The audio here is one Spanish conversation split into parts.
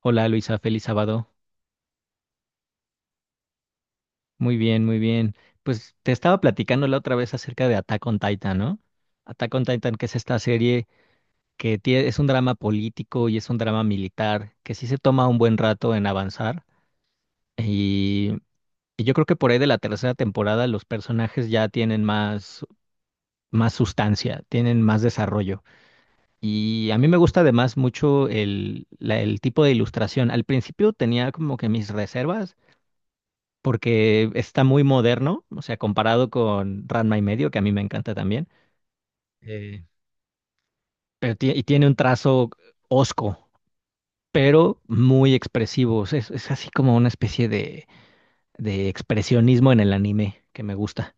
Hola Luisa, feliz sábado. Muy bien, muy bien. Pues te estaba platicando la otra vez acerca de Attack on Titan, ¿no? Attack on Titan, que es esta serie que es un drama político y es un drama militar, que sí se toma un buen rato en avanzar. Y, y yo creo que por ahí de la tercera temporada los personajes ya tienen más sustancia, tienen más desarrollo. Y a mí me gusta además mucho el tipo de ilustración. Al principio tenía como que mis reservas porque está muy moderno, o sea, comparado con Ranma y medio, que a mí me encanta también, eh, pero y tiene un trazo hosco, pero muy expresivo, o sea, es así como una especie de expresionismo en el anime que me gusta.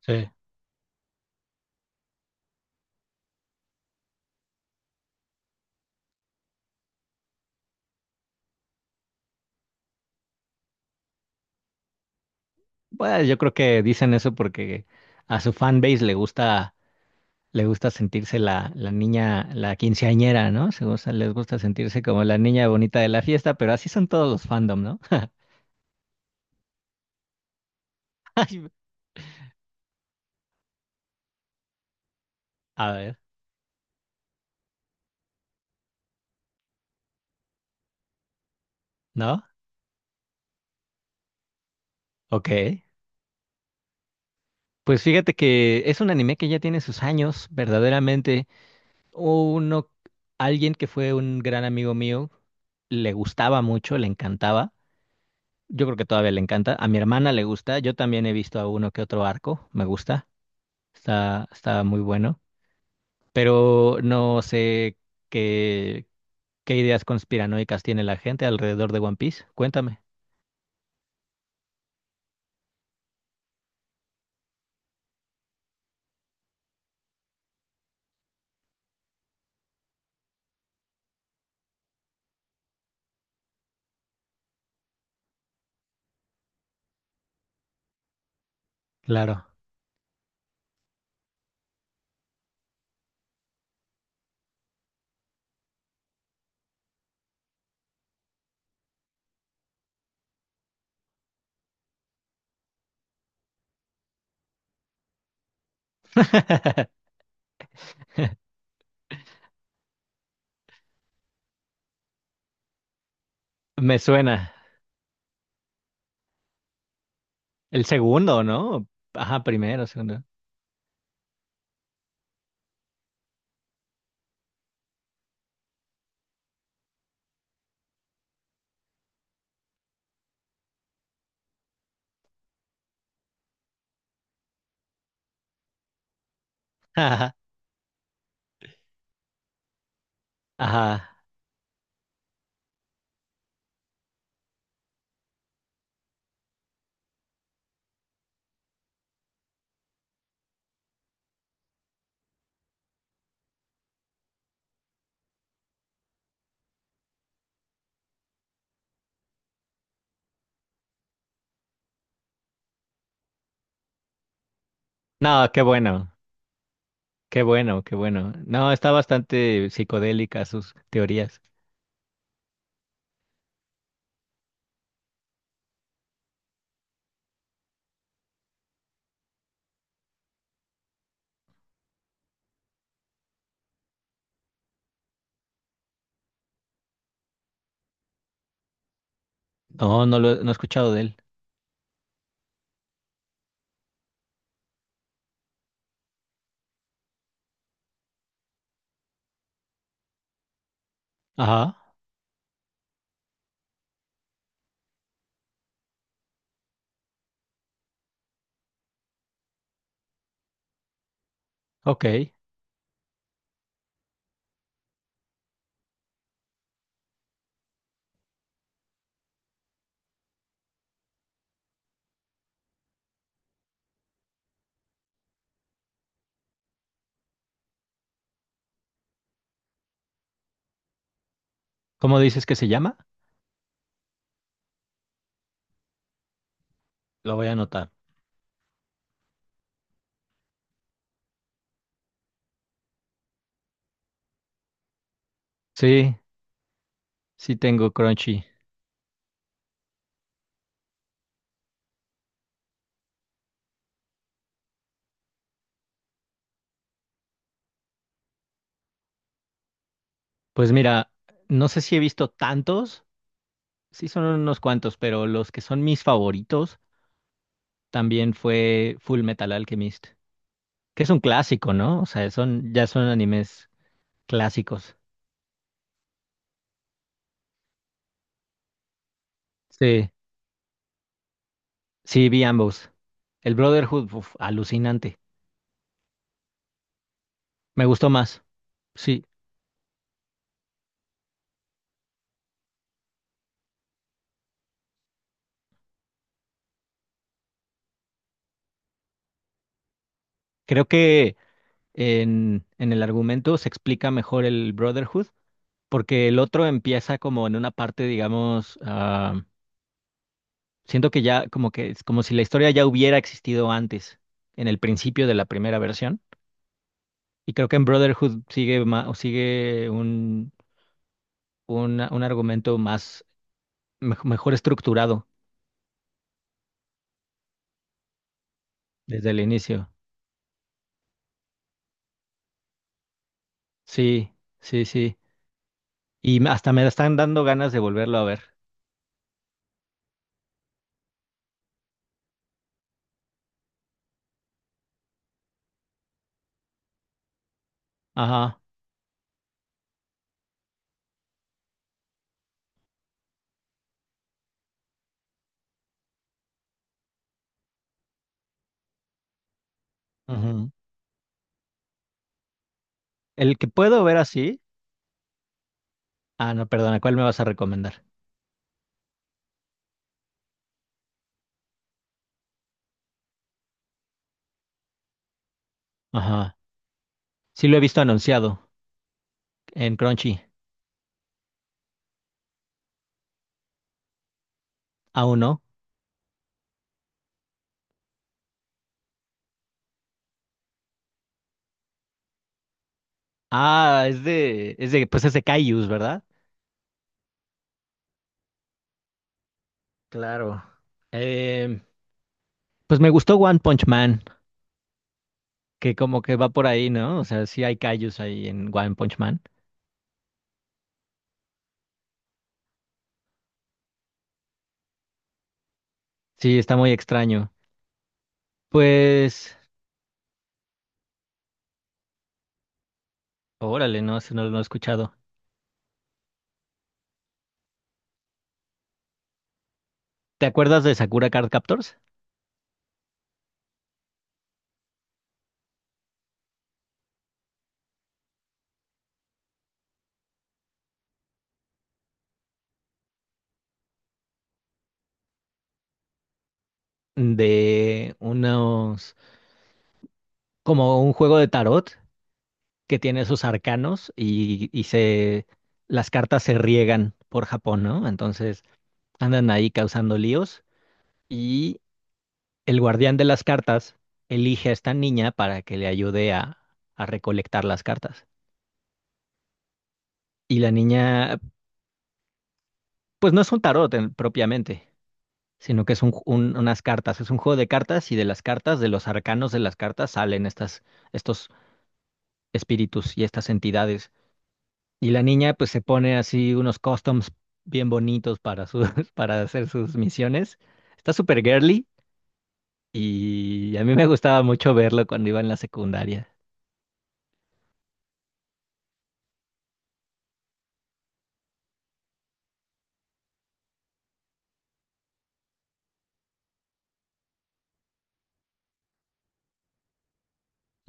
Sí. Bueno, yo creo que dicen eso porque a su fanbase le gusta sentirse la niña, la quinceañera, ¿no? Les gusta sentirse como la niña bonita de la fiesta, pero así son todos los fandom, ¿no? Ay, a ver, ¿no? Ok. Pues fíjate que es un anime que ya tiene sus años, verdaderamente. Uno, alguien que fue un gran amigo mío, le gustaba mucho, le encantaba. Yo creo que todavía le encanta. A mi hermana le gusta. Yo también he visto a uno que otro arco. Me gusta. Está muy bueno. Pero no sé qué, qué ideas conspiranoicas tiene la gente alrededor de One Piece. Cuéntame. Claro. Me suena. El segundo, ¿no? Ajá, primero, segundo. Ajá, ajá. No, qué bueno, qué bueno, qué bueno. No, está bastante psicodélica sus teorías. No, no lo no he escuchado de él. Ajá, ok. ¿Cómo dices que se llama? Lo voy a anotar. Sí, sí tengo Crunchy. Pues mira, no sé si he visto tantos, sí son unos cuantos, pero los que son mis favoritos también fue Full Metal Alchemist, que es un clásico, ¿no? O sea, ya son animes clásicos. Sí, sí, vi ambos. El Brotherhood, uf, alucinante. Me gustó más. Sí, creo que en el argumento se explica mejor el Brotherhood, porque el otro empieza como en una parte, digamos, siento que ya como que es como si la historia ya hubiera existido antes, en el principio de la primera versión. Y creo que en Brotherhood sigue o sigue un argumento más mejor estructurado desde el inicio. Sí, sí, sí. Y hasta me están dando ganas de volverlo a ver. Ajá. Ujú. El que puedo ver así. Ah, no, perdona, ¿cuál me vas a recomendar? Ajá. Sí lo he visto anunciado en Crunchy. Aún no. Ah, pues es de Kaijus, ¿verdad? Claro. Em, pues me gustó One Punch Man, que como que va por ahí, ¿no? O sea, sí hay Kaijus ahí en One Punch Man. Sí, está muy extraño. Pues, órale, no, eso no, no lo he escuchado. ¿Te acuerdas de Sakura Card Captors? De unos, como un juego de tarot que tiene esos arcanos y las cartas se riegan por Japón, ¿no? Entonces andan ahí causando líos. El guardián de las cartas elige a esta niña para que le ayude a recolectar las cartas. Y la niña, pues no es un tarot propiamente, sino que es unas cartas, es un juego de cartas y de las cartas, de los arcanos de las cartas, salen estos espíritus y estas entidades. Y la niña pues se pone así unos costumes bien bonitos para hacer sus misiones. Está súper girly y a mí me gustaba mucho verlo cuando iba en la secundaria.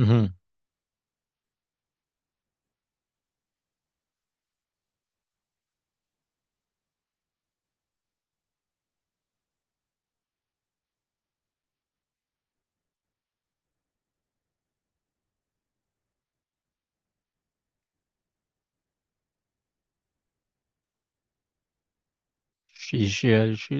Ujú. Sí, sí, sí.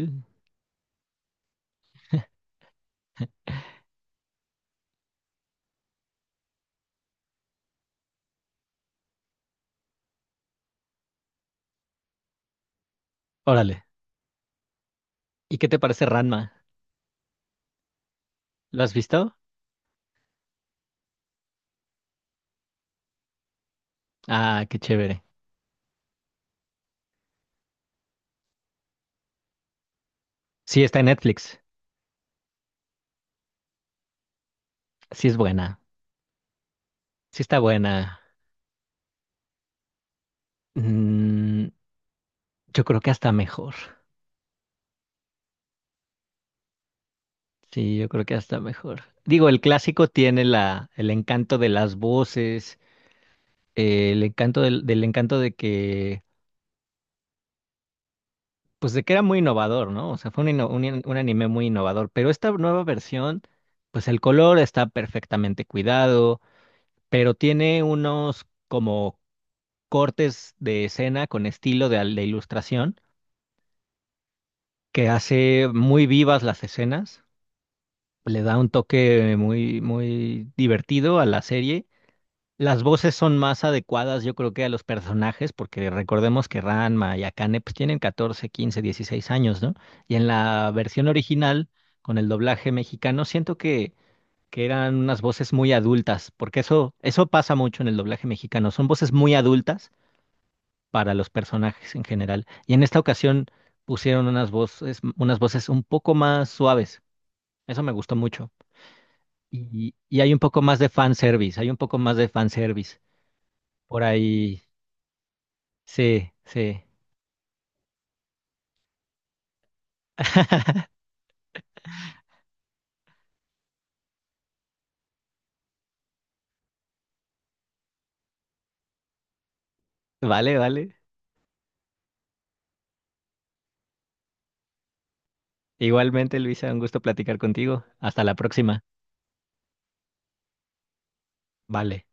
Órale. ¿Y qué te parece Ranma? ¿Lo has visto? Ah, qué chévere. Sí, está en Netflix. Sí es buena. Sí está buena. Mm, yo creo que hasta mejor. Sí, yo creo que hasta mejor. Digo, el clásico tiene el encanto de las voces, el encanto del, del encanto de que, pues de que era muy innovador, ¿no? O sea, fue un anime muy innovador. Pero esta nueva versión, pues el color está perfectamente cuidado, pero tiene unos como cortes de escena con estilo de ilustración que hace muy vivas las escenas, le da un toque muy, muy divertido a la serie. Las voces son más adecuadas, yo creo que a los personajes, porque recordemos que Ranma y Akane pues, tienen 14, 15, 16 años, ¿no? Y en la versión original, con el doblaje mexicano, siento que eran unas voces muy adultas, porque eso pasa mucho en el doblaje mexicano, son voces muy adultas para los personajes en general. Y en esta ocasión pusieron unas voces un poco más suaves. Eso me gustó mucho. Y hay un poco más de fanservice, hay un poco más de fanservice. Por ahí, sí, sí. Vale, vale. Igualmente, Luisa, un gusto platicar contigo. Hasta la próxima. Vale.